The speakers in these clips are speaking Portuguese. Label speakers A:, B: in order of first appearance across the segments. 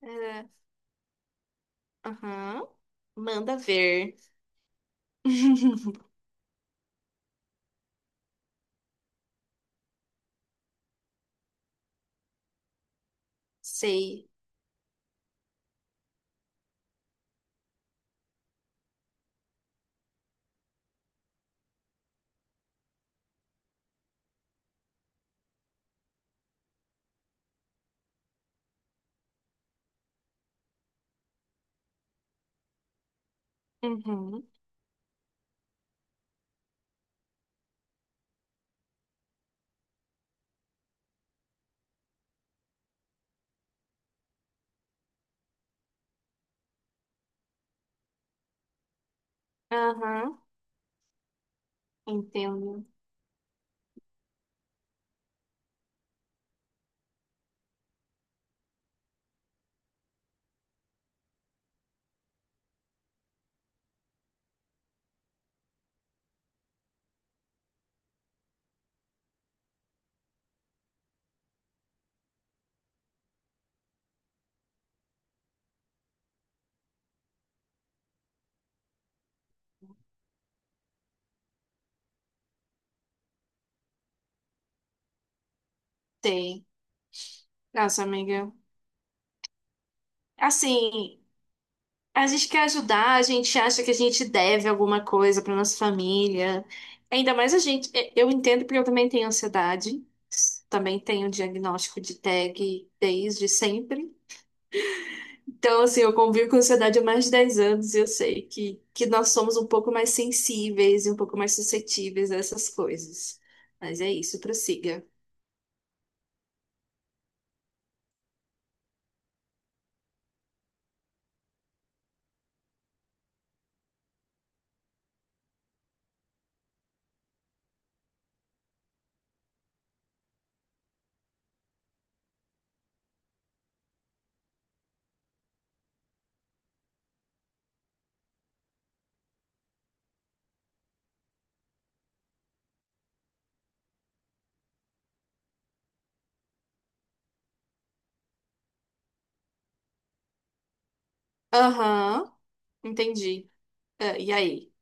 A: É. Aham. Manda ver. Sei. Uhum. Aham. Entendo. Sei. Nossa, amiga. Assim, a gente quer ajudar, a gente acha que a gente deve alguma coisa para nossa família. Ainda mais a gente. Eu entendo porque eu também tenho ansiedade. Também tenho diagnóstico de TAG desde sempre. Então, assim, eu convivo com ansiedade há mais de 10 anos e eu sei que nós somos um pouco mais sensíveis e um pouco mais suscetíveis a essas coisas. Mas é isso, prossiga. Aham, entendi. Ah, e aí?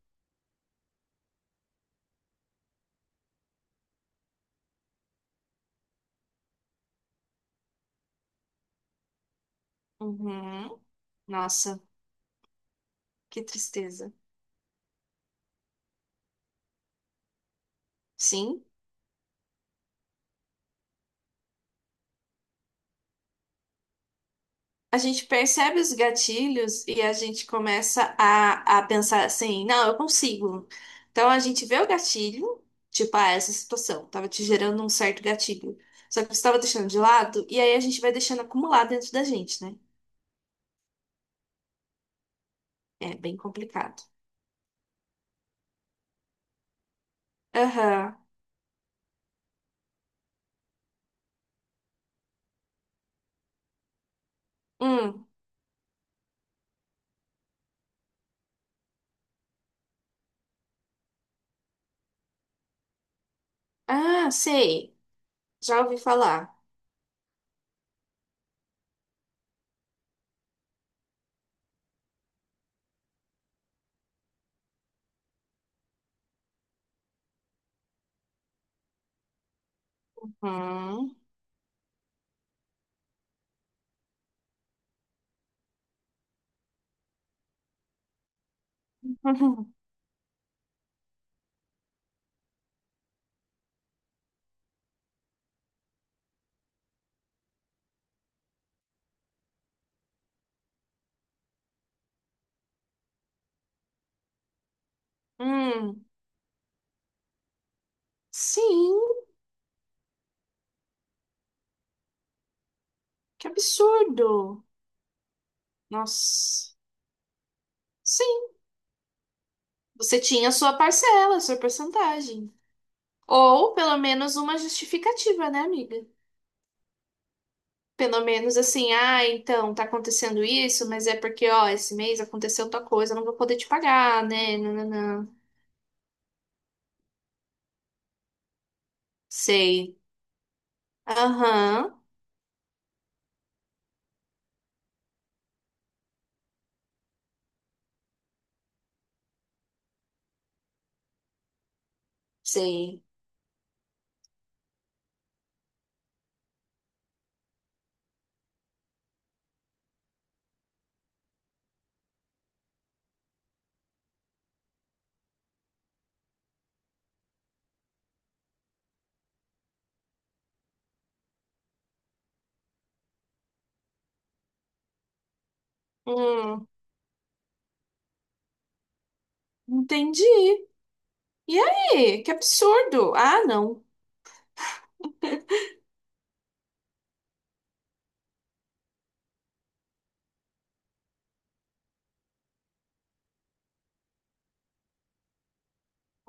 A: Uhum. Nossa, que tristeza. Sim? A gente percebe os gatilhos e a gente começa a pensar assim, não, eu consigo. Então a gente vê o gatilho, tipo, ah, essa situação estava te gerando um certo gatilho. Só que você estava deixando de lado, e aí a gente vai deixando acumular dentro da gente, né? É bem complicado. Aham. Hum. Ah, sei. Já ouvi falar. Hum. Hum. Sim, que absurdo. Nossa. Sim, você tinha a sua parcela, a sua porcentagem. Ou pelo menos uma justificativa, né, amiga? Pelo menos assim, ah, então tá acontecendo isso, mas é porque, ó, esse mês aconteceu tal coisa, eu não vou poder te pagar, né? Não, não, não. Sei. Aham, sei. Hum, entendi. E aí? Que absurdo. Ah, não.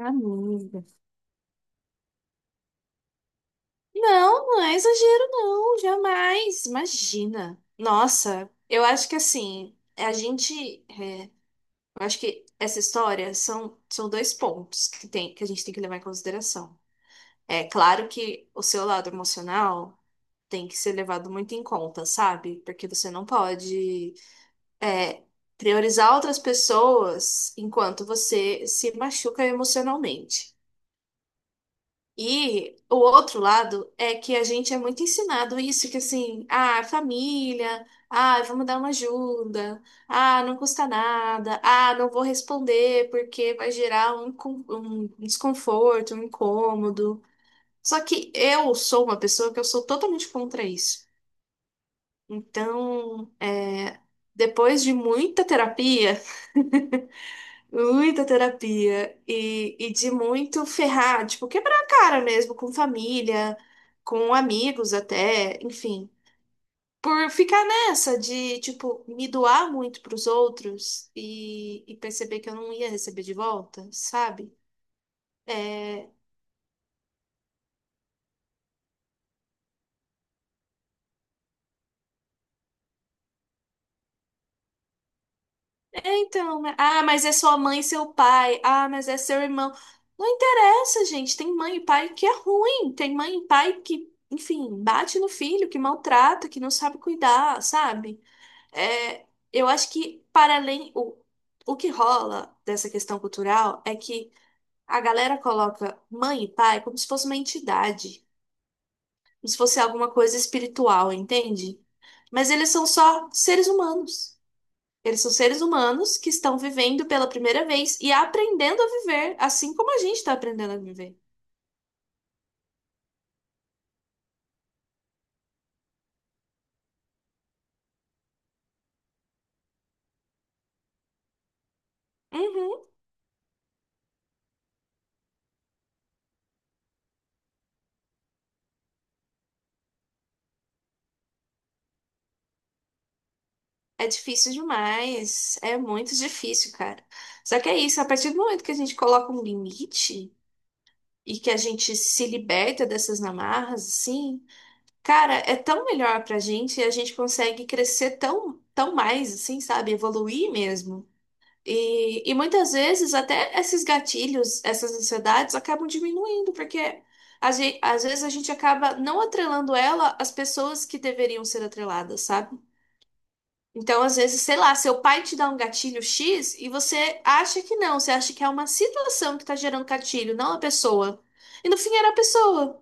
A: Amiga. Não, não é exagero, não, jamais. Imagina. Nossa, eu acho que assim, a gente. Eu acho que essa história são, são dois pontos que tem, que a gente tem que levar em consideração. É claro que o seu lado emocional tem que ser levado muito em conta, sabe? Porque você não pode é, priorizar outras pessoas enquanto você se machuca emocionalmente. E o outro lado é que a gente é muito ensinado isso, que assim, ah, família, ah, vamos dar uma ajuda, ah, não custa nada, ah, não vou responder porque vai gerar um, um desconforto, um incômodo. Só que eu sou uma pessoa que eu sou totalmente contra isso. Então, depois de muita terapia, muita terapia e de muito ferrar, tipo, quebrar a cara mesmo com família, com amigos até, enfim. Por ficar nessa de, tipo, me doar muito pros outros e perceber que eu não ia receber de volta, sabe? É, é então, né? Ah, mas é sua mãe e seu pai, ah, mas é seu irmão. Não interessa, gente, tem mãe e pai que é ruim, tem mãe e pai que, enfim, bate no filho, que maltrata, que não sabe cuidar, sabe? É, eu acho que para além o que rola dessa questão cultural é que a galera coloca mãe e pai como se fosse uma entidade, como se fosse alguma coisa espiritual, entende? Mas eles são só seres humanos. Eles são seres humanos que estão vivendo pela primeira vez e aprendendo a viver, assim como a gente está aprendendo a viver. Uhum. É difícil demais, é muito difícil, cara. Só que é isso, a partir do momento que a gente coloca um limite e que a gente se liberta dessas amarras, assim, cara, é tão melhor pra gente e a gente consegue crescer tão, tão mais, assim, sabe? Evoluir mesmo. E muitas vezes até esses gatilhos, essas ansiedades acabam diminuindo, porque a gente, às vezes a gente acaba não atrelando ela às pessoas que deveriam ser atreladas, sabe? Então, às vezes, sei lá, seu pai te dá um gatilho X e você acha que não, você acha que é uma situação que tá gerando gatilho, não a pessoa. E no fim era a pessoa.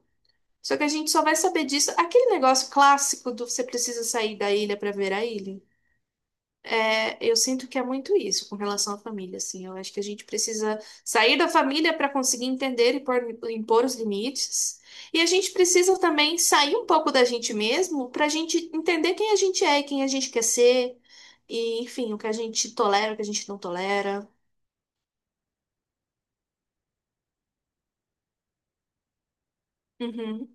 A: Só que a gente só vai saber disso. Aquele negócio clássico do você precisa sair da ilha para ver a ilha. É, eu sinto que é muito isso com relação à família, assim. Eu acho que a gente precisa sair da família para conseguir entender e impor os limites. E a gente precisa também sair um pouco da gente mesmo para a gente entender quem a gente é, e quem a gente quer ser, e enfim, o que a gente tolera, o que a gente não tolera. Uhum.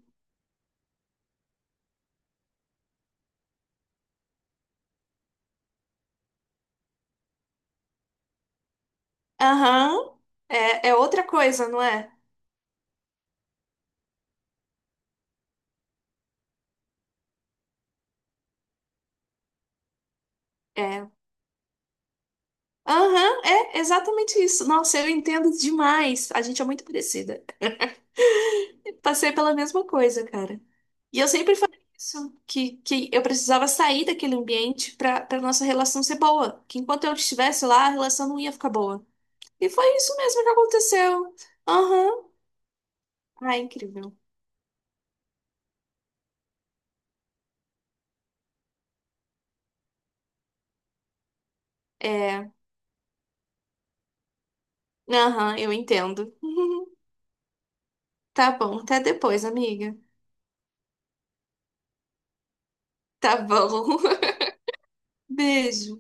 A: Aham. É, é outra coisa, não é? É. Aham, é exatamente isso. Nossa, eu entendo demais. A gente é muito parecida. Passei pela mesma coisa, cara. E eu sempre falei isso, que eu precisava sair daquele ambiente pra para nossa relação ser boa. Que enquanto eu estivesse lá, a relação não ia ficar boa. E foi isso mesmo que aconteceu. Aham. Ai, incrível. É, aham, eu entendo. Tá bom, até depois, amiga. Tá bom. Beijo.